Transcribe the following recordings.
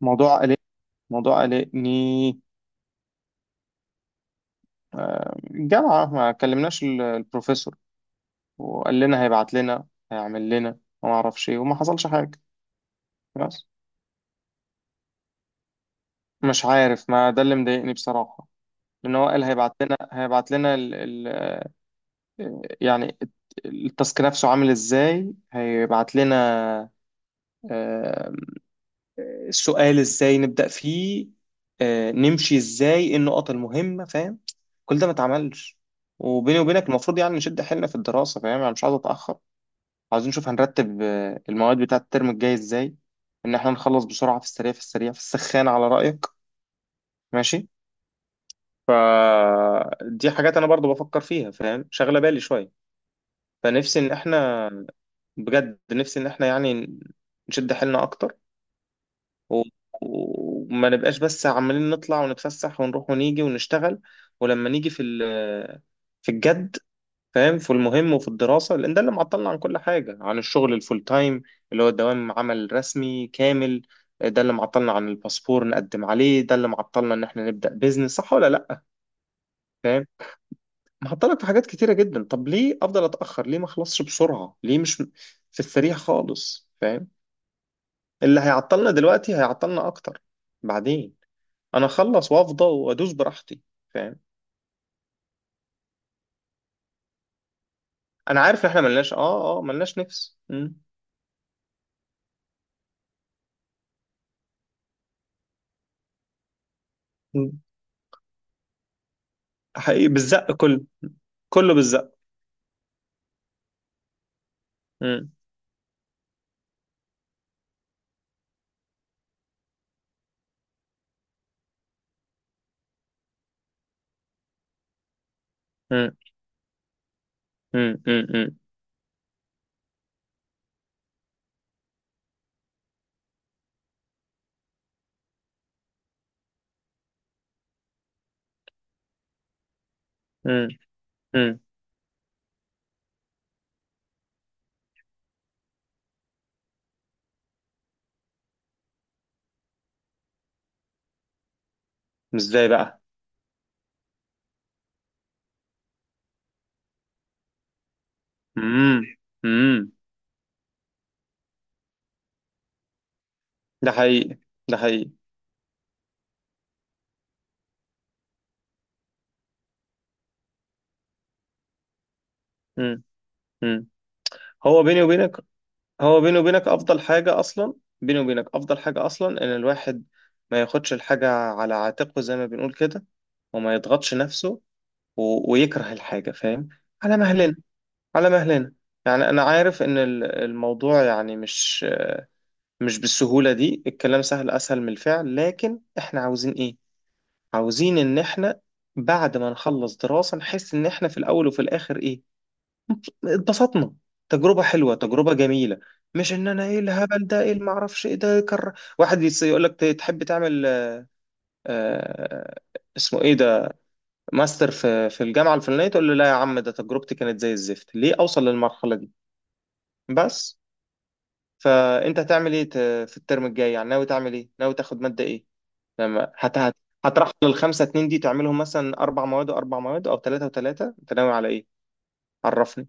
موضوع قلق موضوع قلقني. الجامعة ما كلمناش البروفيسور، وقال لنا هيبعت لنا، هيعمل لنا وما اعرفش ايه وما حصلش حاجة. بس مش عارف، ما ده اللي مضايقني بصراحة. لأن هو قال هيبعت لنا ال ال يعني التاسك نفسه عامل ازاي هيبعت لنا. آه، السؤال ازاي نبدأ فيه، نمشي ازاي، ايه النقط المهمة، فاهم. كل ده ما اتعملش. وبيني وبينك المفروض يعني نشد حيلنا في الدراسة، فاهم، انا مش عايز اتأخر. عايزين نشوف هنرتب المواد بتاعة الترم الجاي ازاي. ان احنا نخلص بسرعة، في السريع في السريع، في السخان على رأيك. ماشي. دي حاجات انا برضو بفكر فيها، فاهم، شغلة بالي شوية. فنفسي ان احنا، بجد نفسي ان احنا يعني نشد حيلنا اكتر، و- وما نبقاش بس عمالين نطلع ونتفسح ونروح ونيجي ونشتغل. ولما نيجي في في الجد، فاهم، في المهم وفي الدراسة. لأن ده اللي معطلنا عن كل حاجة، عن الشغل الفول تايم اللي هو الدوام، عمل رسمي كامل. ده اللي معطلنا عن الباسبور نقدم عليه، ده اللي معطلنا إن إحنا نبدأ بيزنس. صح ولا لأ؟ فاهم. معطلك في حاجات كتيرة جدا. طب ليه أفضل أتأخر؟ ليه ما أخلصش بسرعة؟ ليه مش في السريع خالص، فاهم. اللي هيعطلنا دلوقتي هيعطلنا أكتر بعدين. انا اخلص وافضى وادوس براحتي، فاهم. انا عارف ان احنا ملناش ملناش نفس. مم. مم. حقيقي بالزق كله. كله بالزق. مم. مم. مم. مم. مم. مم. مم. ازاي بقى؟ مم. مم. ده حقيقي. ده حقيقي. مم. مم. هو بيني وبينك هو بيني وبينك افضل حاجة اصلا. بيني وبينك افضل حاجة اصلا ان الواحد ما ياخدش الحاجة على عاتقه زي ما بنقول كده، وما يضغطش نفسه ويكره الحاجة، فاهم. على مهلنا، على مهلنا. يعني انا عارف ان الموضوع يعني مش بالسهولة دي. الكلام سهل اسهل من الفعل، لكن احنا عاوزين ايه؟ عاوزين ان احنا بعد ما نخلص دراسة نحس ان احنا في الاول وفي الاخر ايه، اتبسطنا، تجربة حلوة، تجربة جميلة. مش ان انا ايه الهبل ده، ايه المعرفش ايه ده كر... واحد يقول لك تحب تعمل، آه اسمه ايه ده، ماستر في الجامعة الفلانية، تقول له لا يا عم، ده تجربتي كانت زي الزفت، ليه اوصل للمرحلة دي. بس. فانت هتعمل ايه في الترم الجاي يعني؟ ناوي تعمل ايه؟ ناوي تاخد ماده ايه؟ لما هت هت هترحل الخمسه اتنين دي تعملهم مثلا اربع مواد واربع مواد او ثلاثه وثلاثه؟ انت ناوي على ايه؟ عرفني.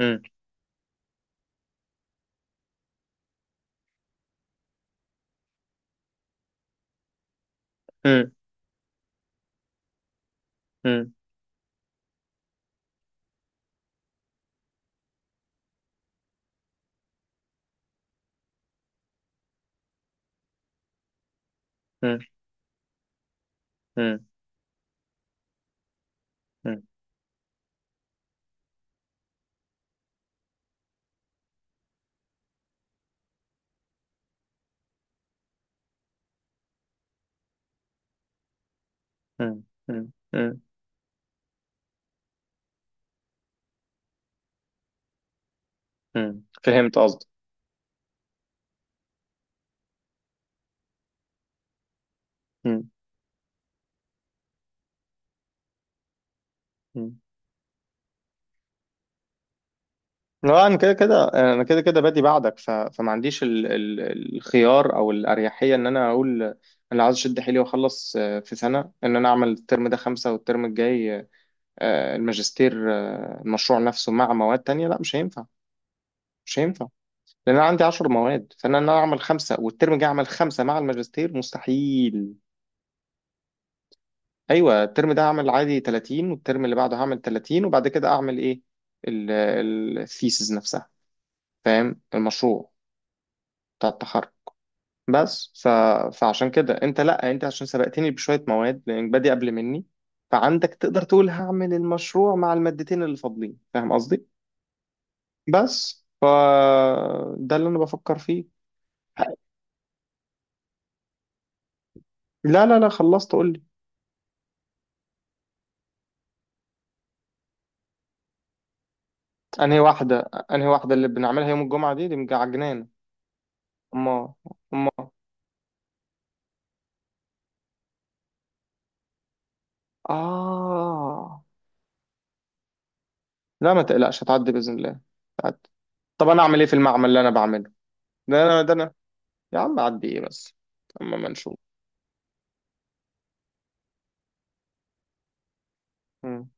مم. مم. مم. مم. مم. مم. مم. مم. مم. مم. فهمت قصدي. مم. مم. لا، انا كده كده. انا كده كده بادي بعدك، فما عنديش الخيار او الاريحيه ان انا اقول انا عايز اشد حيلي واخلص في سنه. ان انا اعمل الترم ده خمسه والترم الجاي الماجستير المشروع نفسه مع مواد تانية، لا مش هينفع. مش هينفع. لأن أنا عندي عشر مواد. فأنا إن أنا أعمل خمسة والترم الجاي أعمل خمسة مع الماجستير مستحيل. أيوة، الترم ده هعمل عادي 30 والترم اللي بعده هعمل 30 وبعد كده أعمل إيه؟ الثيسز نفسها، فاهم، المشروع بتاع التخرج. بس ف... فعشان كده أنت لأ، أنت عشان سبقتني بشوية مواد لأنك بادئ قبل مني، فعندك تقدر تقول هعمل المشروع مع المادتين اللي فاضلين، فاهم قصدي؟ بس ف ده اللي انا بفكر فيه. لا لا لا، خلصت قول لي. انهي واحده؟ انهي واحده اللي بنعملها يوم الجمعه دي؟ دي مجعجنانه. اما اما اه. لا ما تقلقش، هتعدي باذن الله. هتعدي. طب انا اعمل ايه في المعمل اللي انا بعمله؟ ده انا يا عم اعدي ايه بس؟ اما ما نشوف. مم.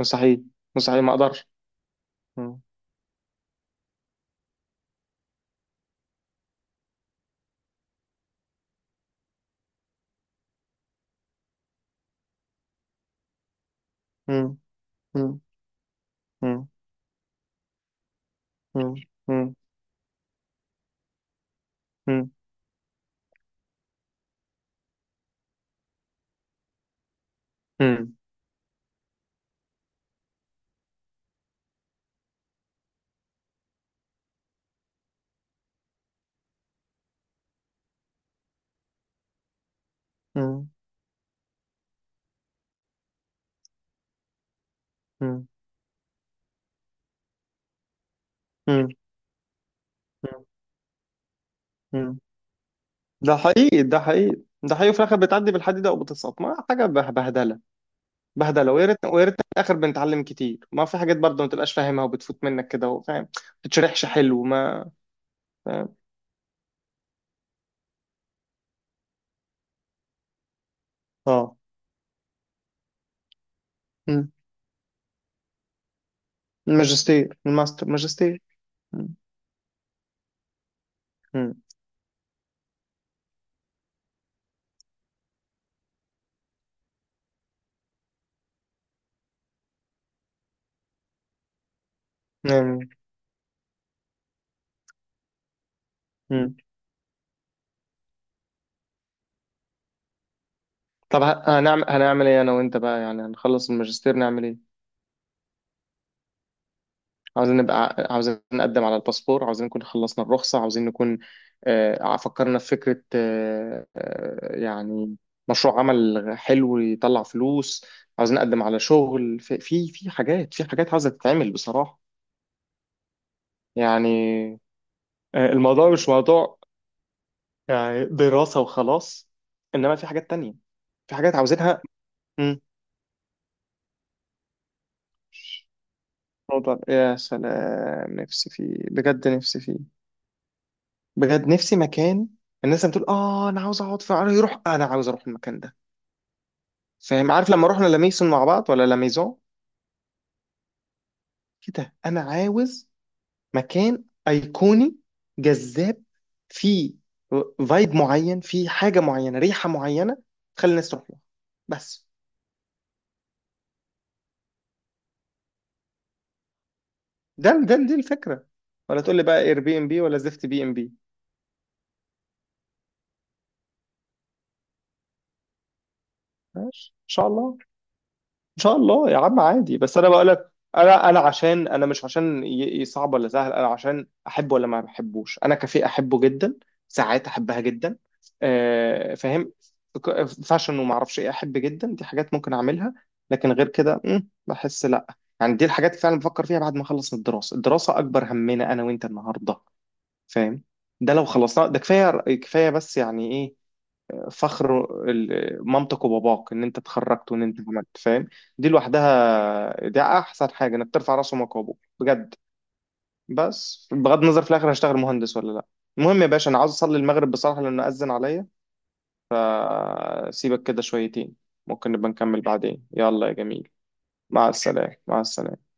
مستحيل. مستحيل، ما اقدرش. مم. مم. مم. مم. مم. مم. مم. مم. مم. مم. مم. ده حقيقي، ده حقيقي، ده حقيقي. في الاخر بتعدي بالحديده وبتسقط، ما حاجه بهدله. بهدله. ويا ريتنا، ويا ريتنا في الاخر بنتعلم كتير. ما في حاجات برضه ما تبقاش فاهمها وبتفوت منك كده، وفاهم ما بتتشرحش حلو، ما، فاهم. اه. مم. الماجستير، الماستر، ماجستير. مم. مم. مم. مم. طب هنعمل هنعمل ايه انا وانت بقى؟ يعني هنخلص الماجستير نعمل ايه؟ عاوزين نبقى، عاوزين نقدم على الباسبور، عاوزين نكون خلصنا الرخصة، عاوزين نكون فكرنا في فكرة يعني مشروع عمل حلو يطلع فلوس. عاوزين نقدم على شغل في حاجات، في حاجات عاوزة تتعمل بصراحة، يعني. الموضوع مش موضوع يعني دراسة وخلاص، إنما في حاجات تانية، في حاجات عاوزينها. مم. موضوع يا سلام، نفسي فيه بجد، نفسي فيه بجد، نفسي مكان. الناس بتقول اه انا عاوز اقعد في عربي يروح، انا عاوز اروح المكان ده، فاهم. عارف لما رحنا لميسون مع بعض، ولا لميزون، كده. انا عاوز مكان ايقوني جذاب، فيه فايب معين، فيه حاجه معينه، ريحه معينه، تخلي الناس تروح له. بس. ده ده دي الفكره. ولا تقول لي بقى اير بي ام بي ولا زفت بي ام بي. ماشي ان شاء الله. ان شاء الله يا عم عادي، بس انا بقول لك، انا عشان انا مش عشان صعب ولا سهل، انا عشان احب ولا ما بحبوش. انا كافيه احبه جدا. ساعات احبها جدا. فاهم. فاشن وما اعرفش ايه، احب جدا. دي حاجات ممكن اعملها، لكن غير كده بحس لا. يعني دي الحاجات فعلا بفكر فيها بعد ما اخلص من الدراسه. الدراسه اكبر همنا انا وانت النهارده، فاهم. ده لو خلصنا ده كفايه. كفايه. بس يعني ايه، فخر مامتك وباباك ان انت اتخرجت وان انت عملت، فاهم. دي لوحدها دي احسن حاجه، انك ترفع راس امك وابوك بجد. بس بغض النظر، في الاخر هشتغل مهندس ولا لا. المهم يا باشا، انا عاوز اصلي المغرب بصراحه لانه اذن عليا. فسيبك كده شويتين، ممكن نبقى نكمل بعدين. يلا يا جميل، مع السلامه، مع السلامه.